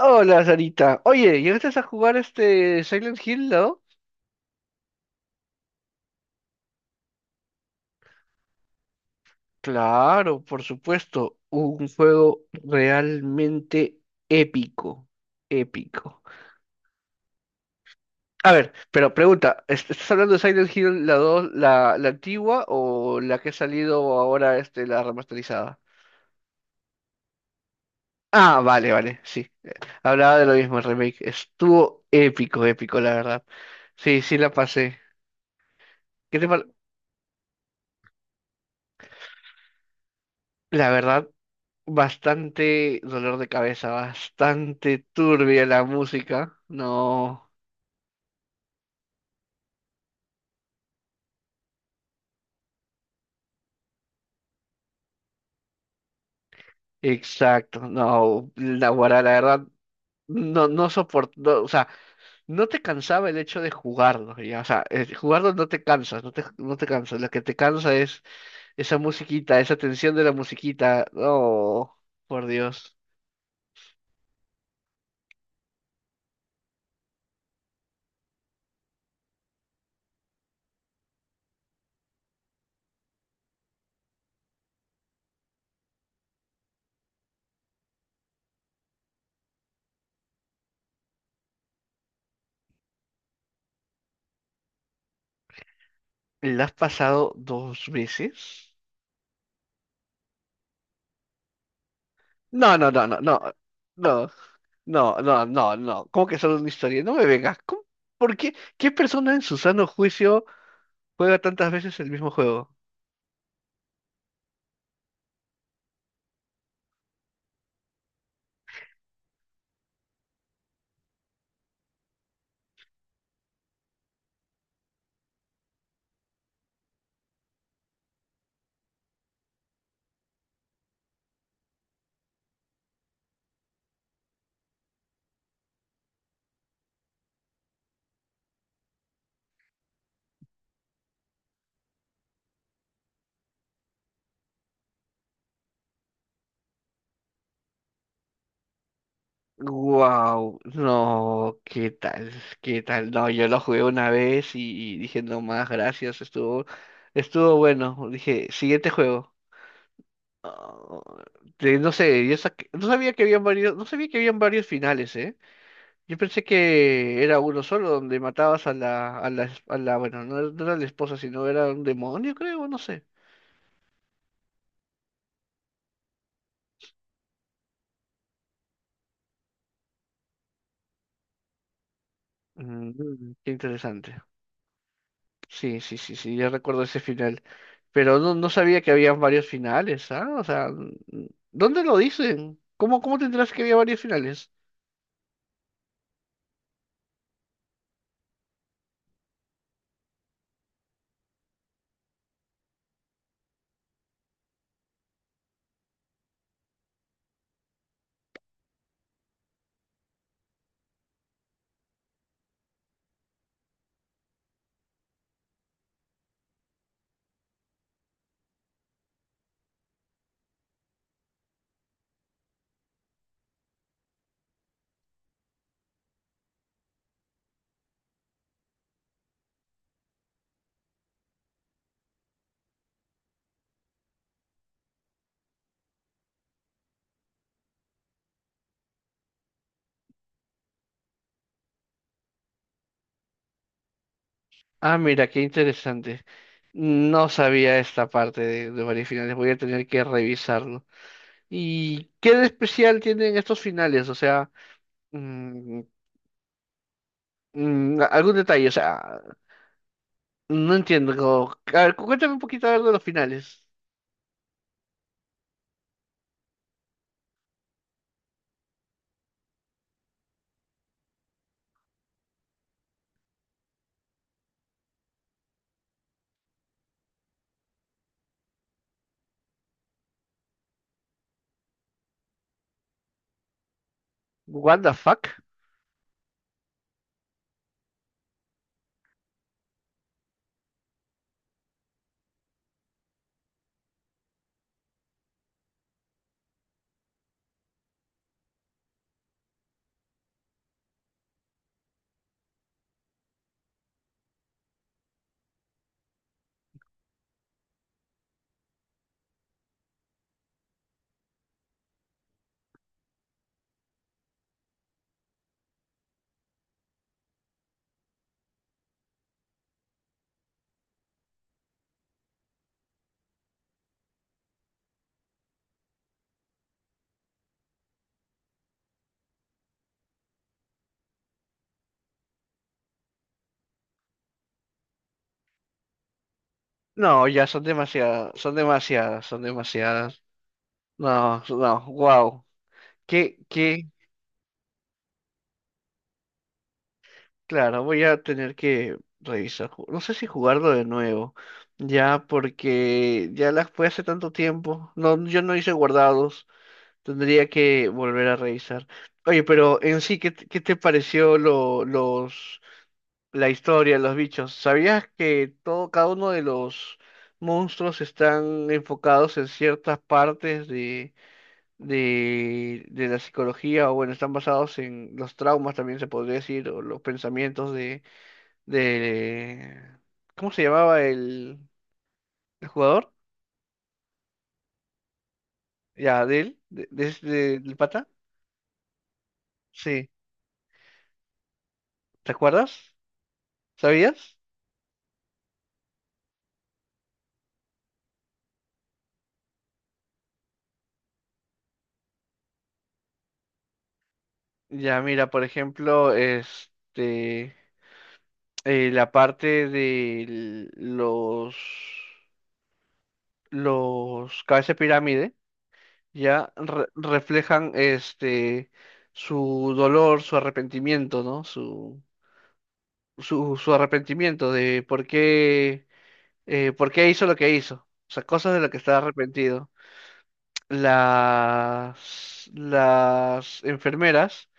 Hola, Sarita. Oye, ¿llegaste a jugar este Silent Hill, no? Claro, por supuesto. Un juego realmente épico. Épico. A ver, pero pregunta, ¿Estás hablando de Silent Hill la 2, la antigua o la que ha salido ahora, la remasterizada? Ah, vale, vale, sí. Hablaba de lo mismo, el remake. Estuvo épico, épico, la verdad. Sí, sí la pasé. ¿Qué te par- La verdad, bastante dolor de cabeza, bastante turbia la música. No, exacto. No, la guará, la verdad, no, no soportó, o sea, no te cansaba el hecho de jugarlo, ya, o sea, jugarlo no te cansas, no te cansas, lo que te cansa es esa musiquita, esa tensión de la musiquita. Oh, por Dios. ¿La has pasado dos veces? No, no, no, no, no, no, no, no, no, no. ¿Cómo que solo una historia? No me vengas. ¿Cómo? ¿Por qué? ¿Qué persona en su sano juicio juega tantas veces el mismo juego? Wow, no. ¿Qué tal? ¿Qué tal? No, yo lo jugué una vez y, dije, no más, gracias. Estuvo bueno. Dije, siguiente juego. Ah, no sé. No sabía que habían varios, no sabía que habían varios finales, ¿eh? Yo pensé que era uno solo donde matabas a la, bueno, no, era no era la esposa, sino era un demonio, creo, no sé. Mm, mm, qué interesante. Sí, sí, sí, sí, ya recuerdo ese final. Pero no, no sabía que había varios finales, ¿ah? O sea, ¿dónde lo dicen? ¿Cómo te enteraste que había varios finales? Ah, mira, qué interesante. No sabía esta parte de varios finales, voy a tener que revisarlo. ¿Y qué de especial tienen estos finales? O sea, mm, algún detalle. O sea, no entiendo. A ver, cuéntame un poquito a ver de los finales. What the fuck? No, ya son demasiadas, son demasiadas, son demasiadas. No, no, wow. ¿Qué? Claro, voy a tener que revisar. No sé si jugarlo de nuevo. Ya, porque ya las fue hace tanto tiempo. No, yo no hice guardados. Tendría que volver a revisar. Oye, pero en sí, ¿qué te pareció la historia, los bichos? ¿Sabías que todo, cada uno de los monstruos están enfocados en ciertas partes de la psicología, o bueno, están basados en los traumas, también se podría decir, o los pensamientos de, ¿cómo se llamaba el jugador? Ya, de él, del pata. Sí, ¿te acuerdas? ¿Sabías? Ya, mira, por ejemplo, la parte de los cabeza de pirámide. Ya, reflejan su dolor, su arrepentimiento, ¿no? Su arrepentimiento de por qué hizo lo que hizo. O sea, cosas de las que está arrepentido. Las enfermeras,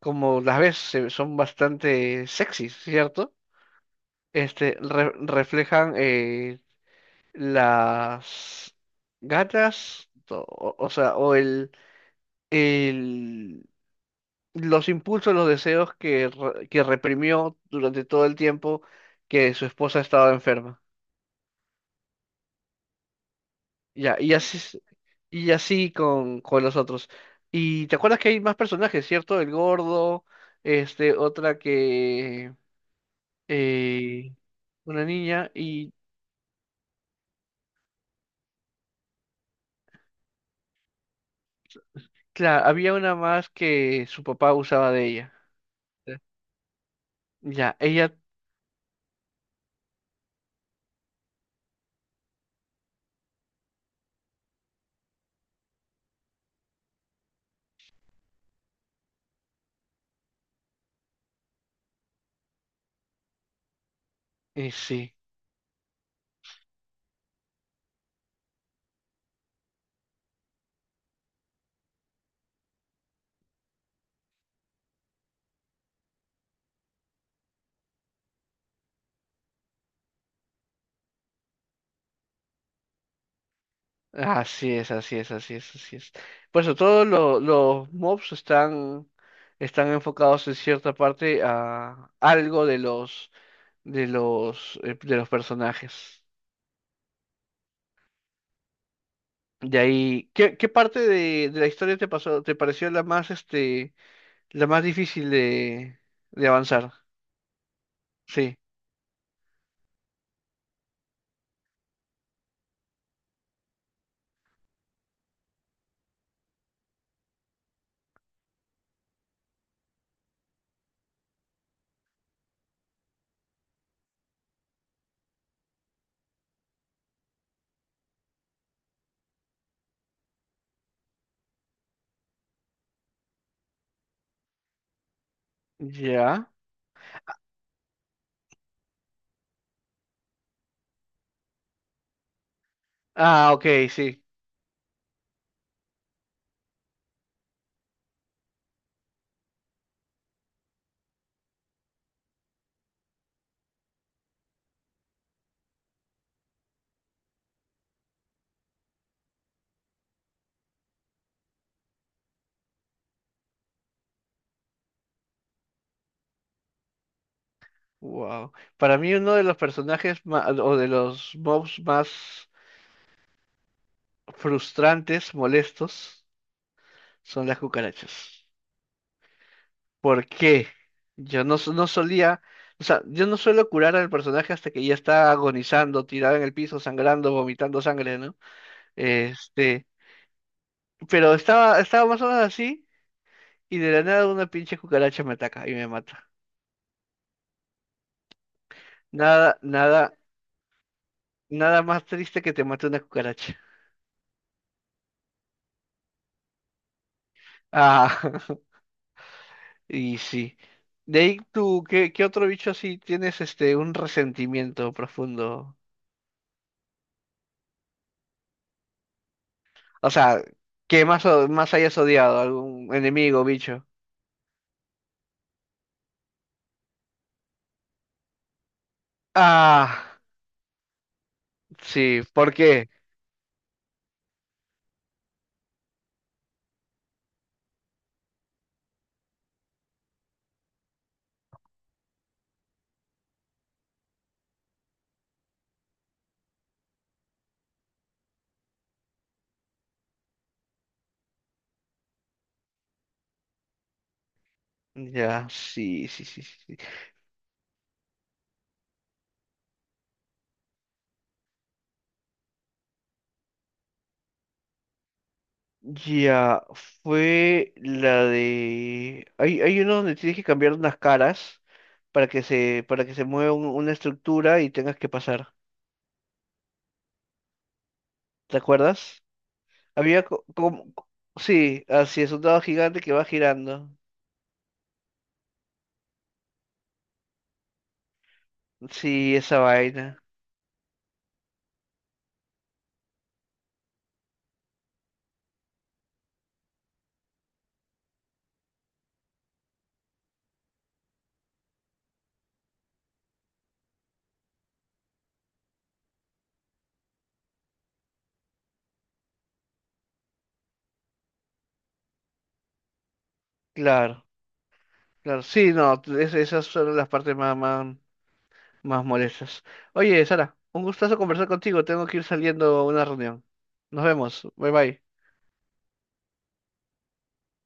como las ves, son bastante sexys, ¿cierto? Reflejan, las gatas, o sea, el, los impulsos, los deseos que reprimió durante todo el tiempo que su esposa estaba enferma. Ya, y así, con los otros. Y te acuerdas que hay más personajes, ¿cierto? El gordo, este, otra que, eh, una niña, y claro, había una más que su papá usaba de ella. Ya, ella, sí. Así es, así es, así es, así es. Por eso todos los mobs están enfocados en cierta parte a algo de los personajes. De ahí, ¿qué parte de la historia te pareció la más la más difícil de avanzar? Sí. Ya. Ah, ok, sí. Wow. Para mí uno de los personajes o de los mobs más frustrantes, molestos, son las cucarachas. ¿Por qué? Yo no, so- no solía, o sea, yo no suelo curar al personaje hasta que ya está agonizando, tirado en el piso, sangrando, vomitando sangre, ¿no? Este, pero estaba más o menos así y de la nada una pinche cucaracha me ataca y me mata. Nada, nada, nada más triste que te mate una cucaracha. Ah, y sí. De ahí tú, ¿qué otro bicho así tienes un resentimiento profundo? O sea, ¿qué más, más hayas odiado? ¿Algún enemigo, bicho? Ah, sí, ¿por qué? Ya, sí, sí, sí, sí, sí. Ya, fue la de. Hay uno donde tienes que cambiar unas caras para que se, mueva una estructura y tengas que pasar. ¿Te acuerdas? Había como. Sí, así es, un dado gigante que va girando. Sí, esa vaina. Claro, claro. Sí, no, esas son las partes más, más, más molestas. Oye, Sara, un gustazo conversar contigo. Tengo que ir saliendo a una reunión. Nos vemos. Bye bye.